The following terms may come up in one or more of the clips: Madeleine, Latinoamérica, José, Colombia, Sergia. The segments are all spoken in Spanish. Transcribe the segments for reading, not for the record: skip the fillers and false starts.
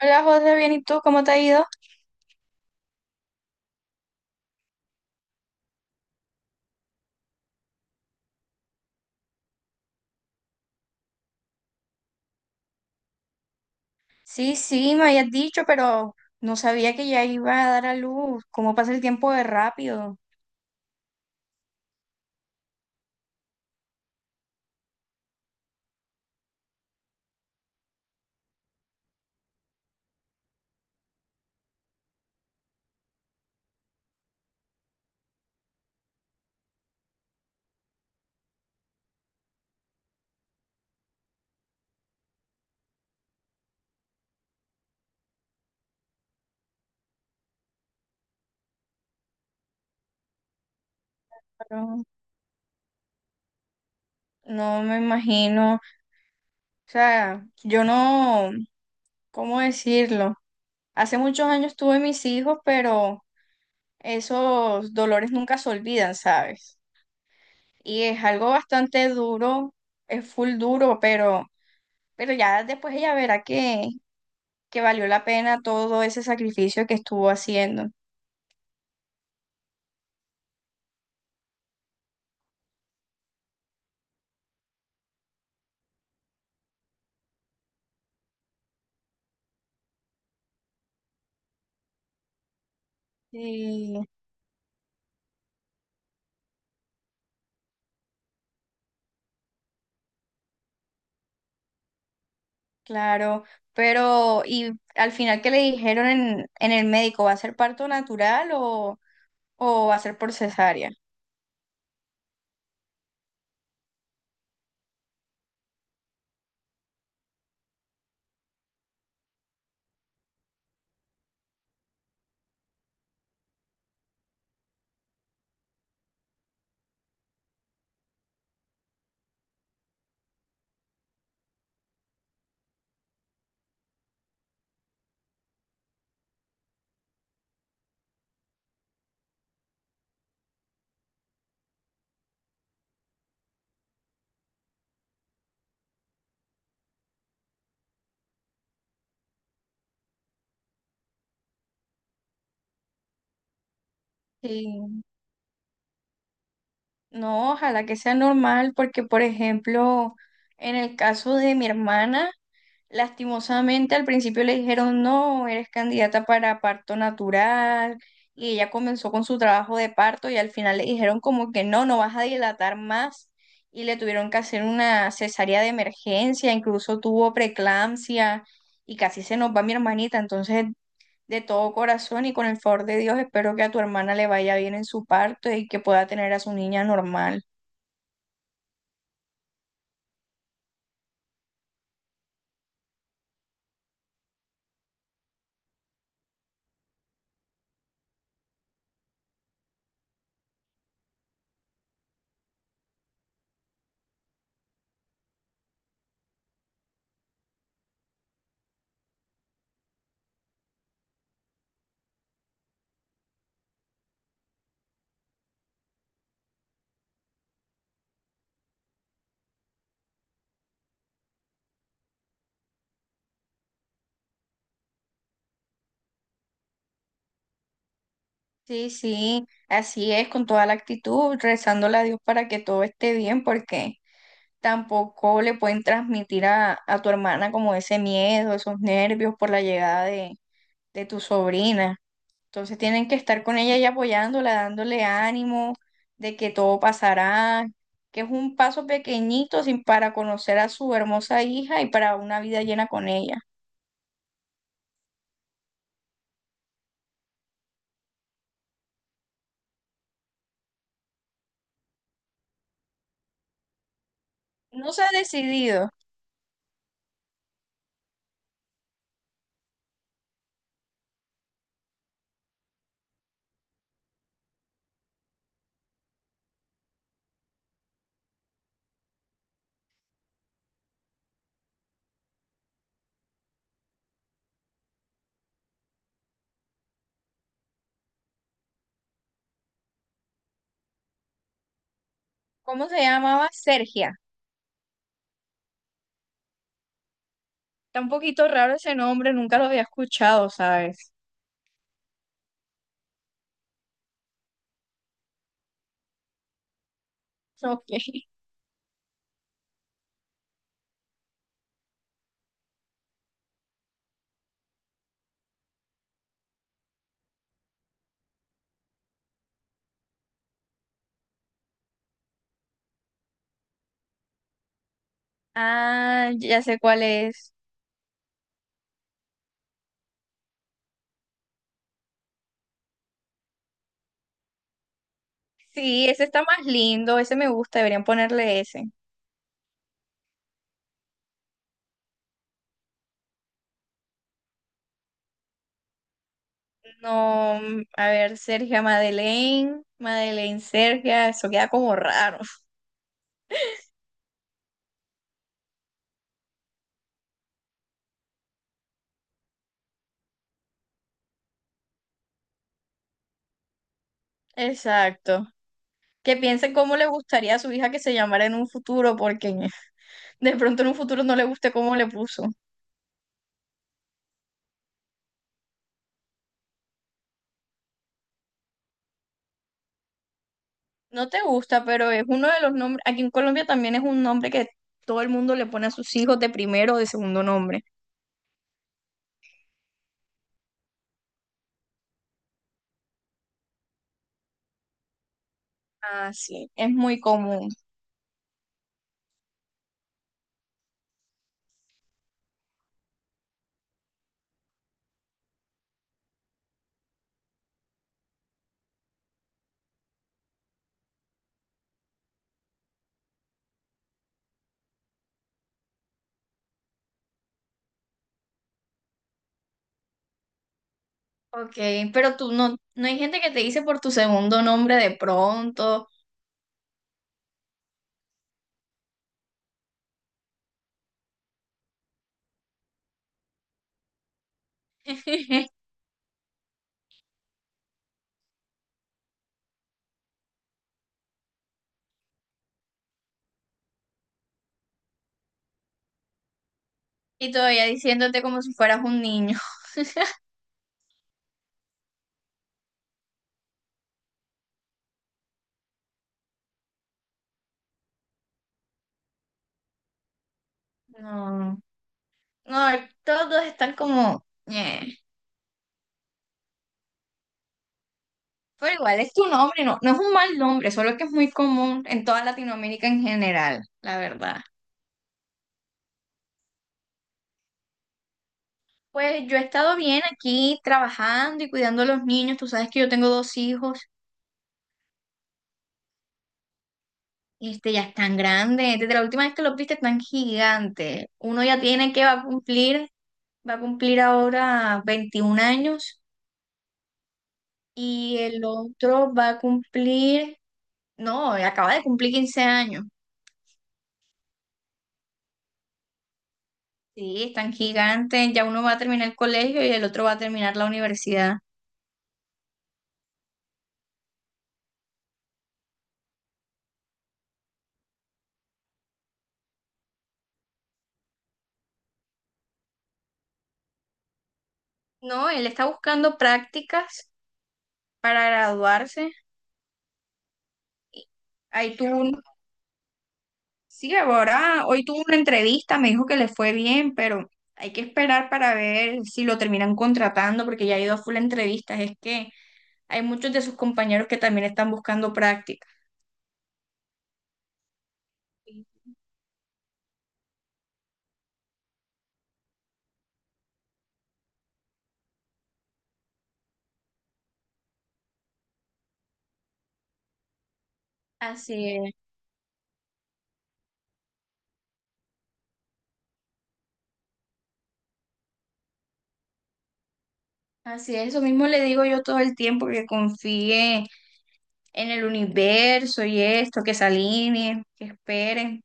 Hola José, bien, ¿y tú cómo te ha ido? Sí, sí, me habías dicho, pero no sabía que ya iba a dar a luz. ¿Cómo pasa el tiempo de rápido? Pero no me imagino. O sea, yo no, ¿cómo decirlo? Hace muchos años tuve mis hijos, pero esos dolores nunca se olvidan, ¿sabes? Y es algo bastante duro, es full duro, pero ya después ella verá que valió la pena todo ese sacrificio que estuvo haciendo. Sí. Claro, pero ¿y al final qué le dijeron en el médico? ¿Va a ser parto natural o va a ser por cesárea? Sí. No, ojalá que sea normal porque, por ejemplo, en el caso de mi hermana, lastimosamente, al principio le dijeron, no, eres candidata para parto natural, y ella comenzó con su trabajo de parto y al final le dijeron como que no, no vas a dilatar más, y le tuvieron que hacer una cesárea de emergencia, incluso tuvo preeclampsia y casi se nos va mi hermanita, entonces de todo corazón y con el favor de Dios espero que a tu hermana le vaya bien en su parto y que pueda tener a su niña normal. Sí, sí, así es, con toda la actitud, rezándole a Dios para que todo esté bien, porque tampoco le pueden transmitir a tu hermana como ese miedo, esos nervios por la llegada de tu sobrina. Entonces tienen que estar con ella y apoyándola, dándole ánimo de que todo pasará, que es un paso pequeñito sin para conocer a su hermosa hija y para una vida llena con ella. No se ha decidido. ¿Cómo se llamaba? Sergia. Está un poquito raro ese nombre, nunca lo había escuchado, ¿sabes? Ok. Ah, ya sé cuál es. Sí, ese está más lindo, ese me gusta, deberían ponerle ese. No, mm, a ver, Sergia Madeleine, Madeleine Sergia, eso queda como raro. Exacto. Que piense cómo le gustaría a su hija que se llamara en un futuro, porque de pronto en un futuro no le guste cómo le puso. No te gusta, pero es uno de los nombres, aquí en Colombia también es un nombre que todo el mundo le pone a sus hijos de primero o de segundo nombre. Ah, sí, es muy común. Ok, pero tú no, no hay gente que te dice por tu segundo nombre de pronto. Y todavía diciéndote como si fueras un niño. No, no, todos están como "ñe". Pero igual es tu nombre, no, no es un mal nombre, solo que es muy común en toda Latinoamérica en general, la verdad. Pues yo he estado bien aquí trabajando y cuidando a los niños. Tú sabes que yo tengo dos hijos, este, ya están grandes. Desde la última vez que los viste están gigantes. Uno ya tiene que va a cumplir ahora 21 años, y el otro va a cumplir, no, acaba de cumplir 15 años. Sí, están gigantes. Ya uno va a terminar el colegio y el otro va a terminar la universidad. No, él está buscando prácticas para graduarse. Ahí tuvo un... Sí, ahora, hoy tuvo una entrevista, me dijo que le fue bien, pero hay que esperar para ver si lo terminan contratando porque ya ha ido a full entrevistas. Es que hay muchos de sus compañeros que también están buscando prácticas. Sí, Así es, así es, eso mismo le digo yo todo el tiempo, que confíe en el universo y esto, que se alineen, que esperen,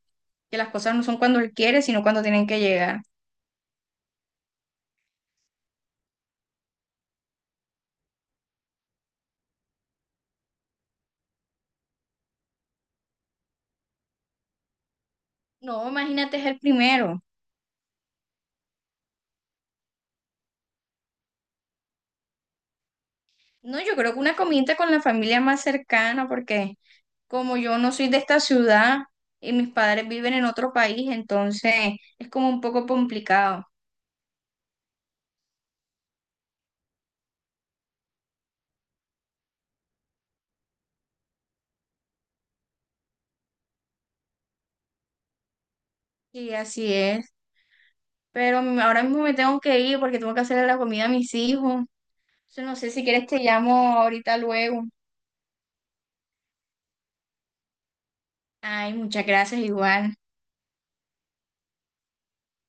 que las cosas no son cuando él quiere, sino cuando tienen que llegar. No, imagínate, es el primero. No, yo creo que una comida con la familia más cercana, porque como yo no soy de esta ciudad y mis padres viven en otro país, entonces es como un poco complicado. Sí, así es. Pero ahora mismo me tengo que ir porque tengo que hacerle la comida a mis hijos. Entonces, no sé si quieres te llamo ahorita luego. Ay, muchas gracias igual.